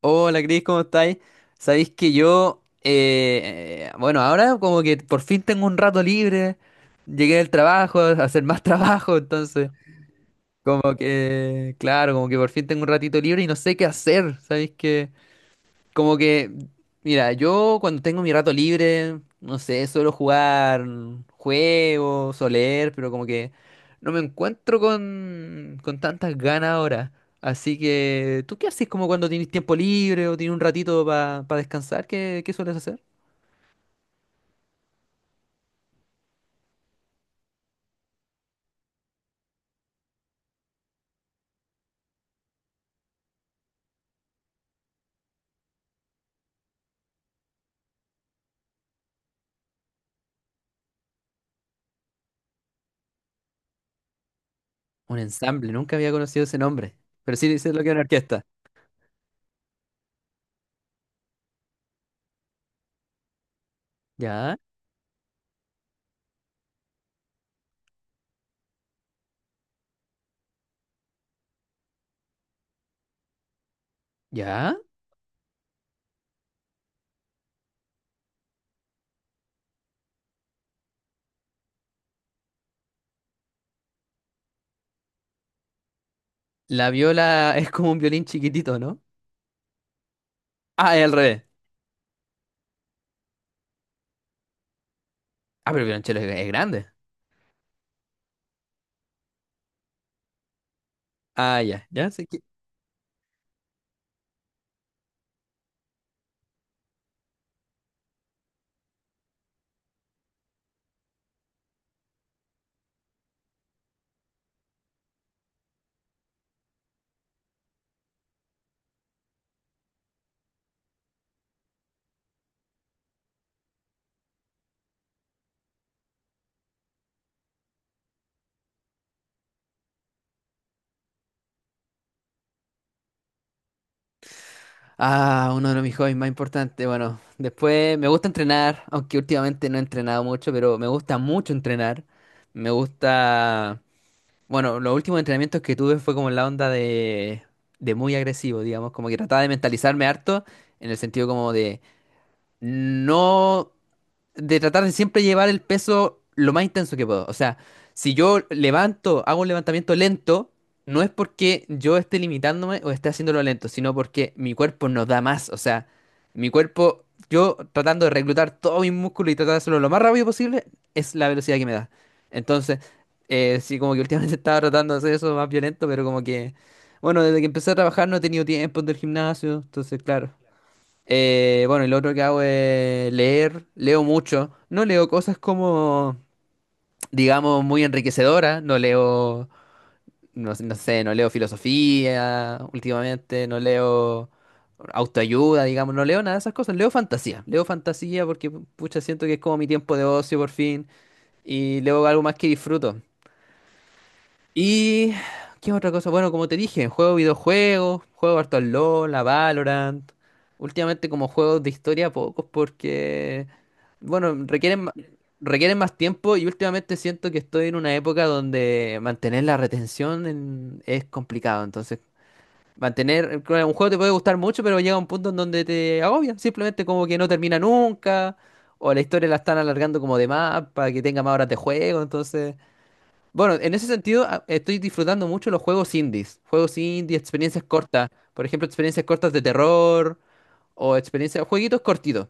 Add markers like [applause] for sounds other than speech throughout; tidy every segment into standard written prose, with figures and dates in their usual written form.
Hola Cris, ¿cómo estáis? Sabéis que yo, bueno, ahora como que por fin tengo un rato libre, llegué del trabajo, a hacer más [laughs] trabajo, entonces como que, claro, como que por fin tengo un ratito libre y no sé qué hacer, ¿sabéis que como que, mira, yo cuando tengo mi rato libre, no sé, suelo jugar juegos o leer, pero como que no me encuentro con tantas ganas ahora. Así que, ¿tú qué haces como cuando tienes tiempo libre o tienes un ratito para descansar? ¿Qué sueles hacer? Un ensamble, nunca había conocido ese nombre, pero sí sé lo que es una orquesta. ¿Ya? ¿Ya? La viola [laughs] es como un violín chiquitito, ¿no? Ah, es al revés. Ah, pero el violonchelo es grande. Ah, ya, ya, sí. Ah, uno de mis hobbies más importantes. Bueno, después me gusta entrenar, aunque últimamente no he entrenado mucho, pero me gusta mucho entrenar. Me gusta. Bueno, los últimos entrenamientos que tuve fue como en la onda de muy agresivo, digamos, como que trataba de mentalizarme harto en el sentido como de no de tratar de siempre llevar el peso lo más intenso que puedo. O sea, si yo levanto, hago un levantamiento lento, no es porque yo esté limitándome o esté haciéndolo lento, sino porque mi cuerpo no da más. O sea, mi cuerpo, yo tratando de reclutar todo mi músculo y tratar de hacerlo lo más rápido posible, es la velocidad que me da. Entonces, sí, como que últimamente [laughs] estaba tratando de hacer eso más violento, pero como que, bueno, desde que empecé a trabajar no he tenido tiempo del gimnasio, entonces, claro. Bueno, y lo otro que hago es leer, leo mucho. No leo cosas como, digamos, muy enriquecedoras. No leo, no leo filosofía últimamente, no leo autoayuda, digamos, no leo nada de esas cosas. Leo fantasía porque, pucha, siento que es como mi tiempo de ocio por fin. Y leo algo más que disfruto. Y. ¿Qué otra cosa? Bueno, como te dije, juego videojuegos, juego harto al LoL, a Valorant. Últimamente como juegos de historia pocos porque, bueno, requieren más tiempo y últimamente siento que estoy en una época donde mantener la es complicado. Entonces, mantener, claro, un juego te puede gustar mucho, pero llega un punto en donde te agobia. Simplemente como que no termina nunca o la historia la están alargando como de más para que tenga más horas de juego. Entonces. Bueno, en ese sentido estoy disfrutando mucho los juegos indies, juegos indie, experiencias cortas, por ejemplo, experiencias cortas de terror o experiencias, jueguitos cortitos,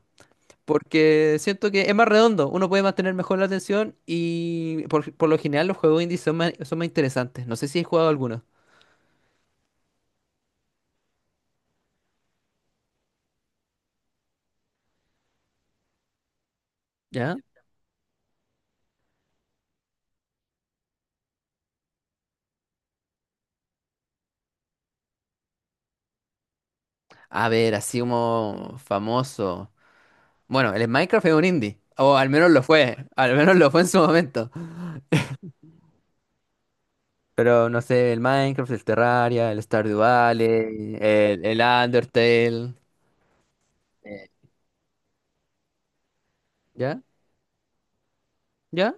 porque siento que es más redondo, uno puede mantener mejor la atención y por lo general los juegos indies son más interesantes. No sé si he jugado algunos, ¿ya? A ver, así como famoso. Bueno, el Minecraft es un indie, o al menos lo fue, al menos lo fue en su momento. Pero no sé, el Minecraft, el Terraria, el Stardew Valley, el Undertale. eh, ¿Ya? ¿Ya?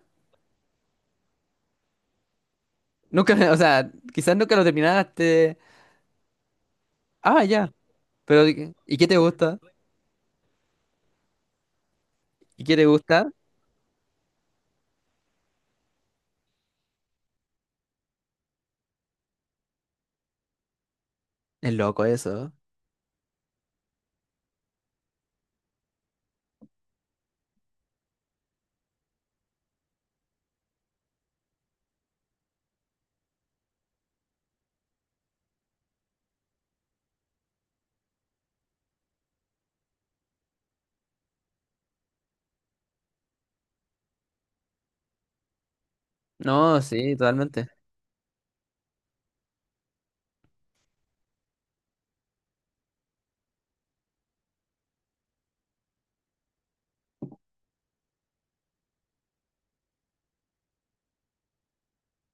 Nunca, [laughs] o sea, quizás nunca lo terminaste. Ah, ya. Pero, ¿y qué te gusta? ¿Y qué te gusta? Es loco eso. No, sí, totalmente.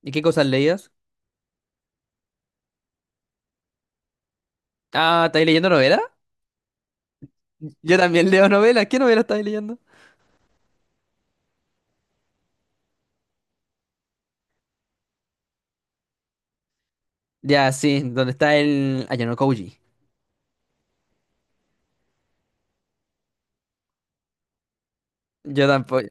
¿Y qué cosas leías? Ah, ¿estáis leyendo novelas? Yo también leo novelas. ¿Qué novela estáis leyendo? Ya, sí, donde está el Ayano Koji. Yo tampoco.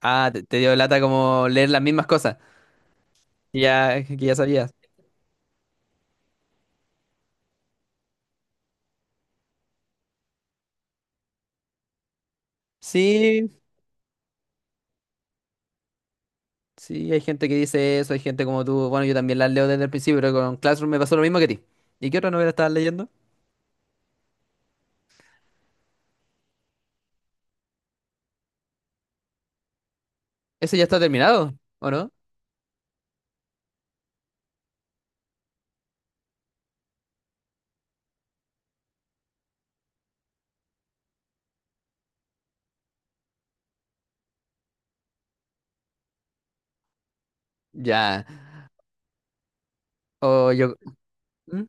Ah, te dio lata como leer las mismas cosas. Ya, que ya sabías. Sí, sí, hay gente que dice eso, hay gente como tú. Bueno, yo también las leo desde el principio, pero con Classroom me pasó lo mismo que a ti. ¿Y qué otra novela estabas leyendo? ¿Ese ya está terminado? ¿O no? Ya. O yo. ¿Mm?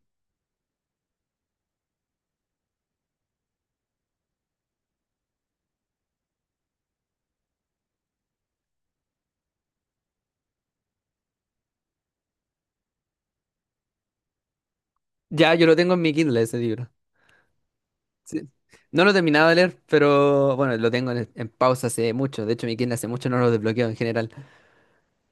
Ya, yo lo tengo en mi Kindle ese libro. Sí. No lo he terminado de leer, pero bueno, lo tengo en pausa hace mucho. De hecho, mi Kindle hace mucho no lo desbloqueo en general.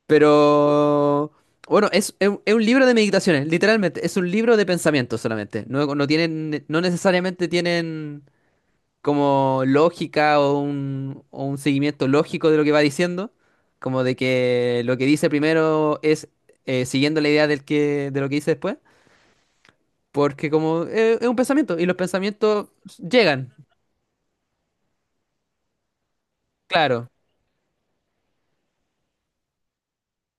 Pero. Bueno, es un es un libro de meditaciones, literalmente. Es un libro de pensamientos solamente. No, no tienen, no necesariamente tienen. Como lógica o o un seguimiento lógico de lo que va diciendo, como de que lo que dice primero es siguiendo la idea del que, de lo que dice después, porque como es un pensamiento y los pensamientos llegan, claro.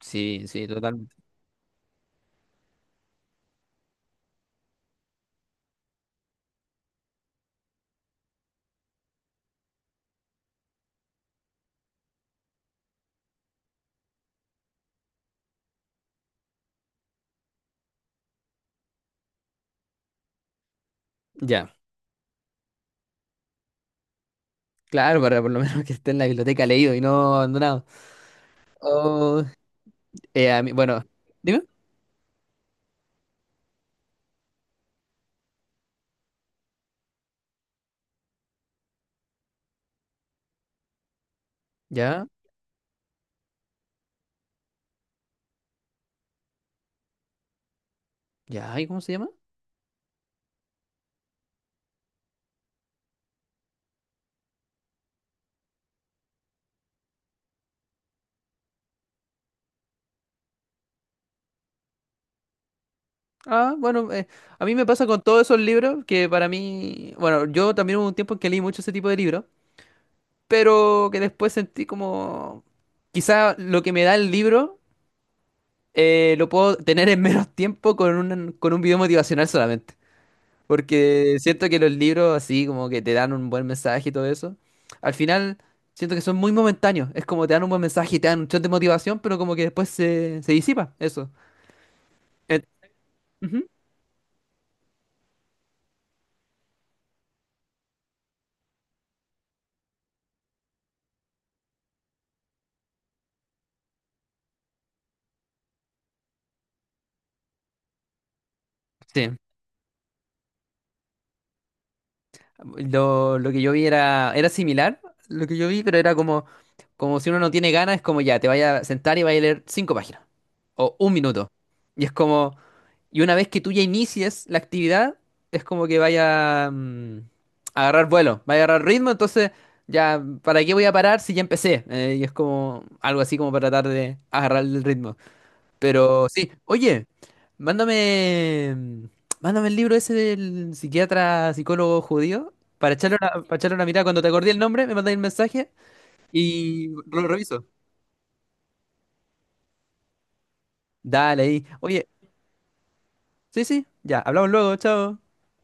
Sí, sí, totalmente. Ya, claro, para por lo menos que esté en la biblioteca leído y no abandonado. O, bueno, dime, ya, ya, ¿y cómo se llama? Ah, bueno, a mí me pasa con todos esos libros que para mí, bueno, yo también hubo un tiempo en que leí mucho ese tipo de libros. Pero que después sentí como quizá lo que me da el libro lo puedo tener en menos tiempo con con un video motivacional solamente. Porque siento que los libros así como que te dan un buen mensaje y todo eso, al final siento que son muy momentáneos. Es como te dan un buen mensaje y te dan un shot de motivación, pero como que después se disipa eso. Et- Ujú. Sí. Lo que yo vi era similar, lo que yo vi, pero era como, como si uno no tiene ganas, es como ya, te vaya a sentar y vaya a leer 5 páginas. O un minuto. Y es como, y una vez que tú ya inicies la actividad, es como que vaya a agarrar vuelo, vaya a agarrar ritmo, entonces ya, ¿para qué voy a parar si ya empecé? Y es como algo así como para tratar de agarrar el ritmo. Pero sí, oye, mándame, mm, mándame el libro ese del psiquiatra, psicólogo judío. Para echarle una mirada, cuando te acordé el nombre, me mandáis el mensaje y lo reviso. Dale ahí. Oye, sí, sí, ya, hablamos luego, chao.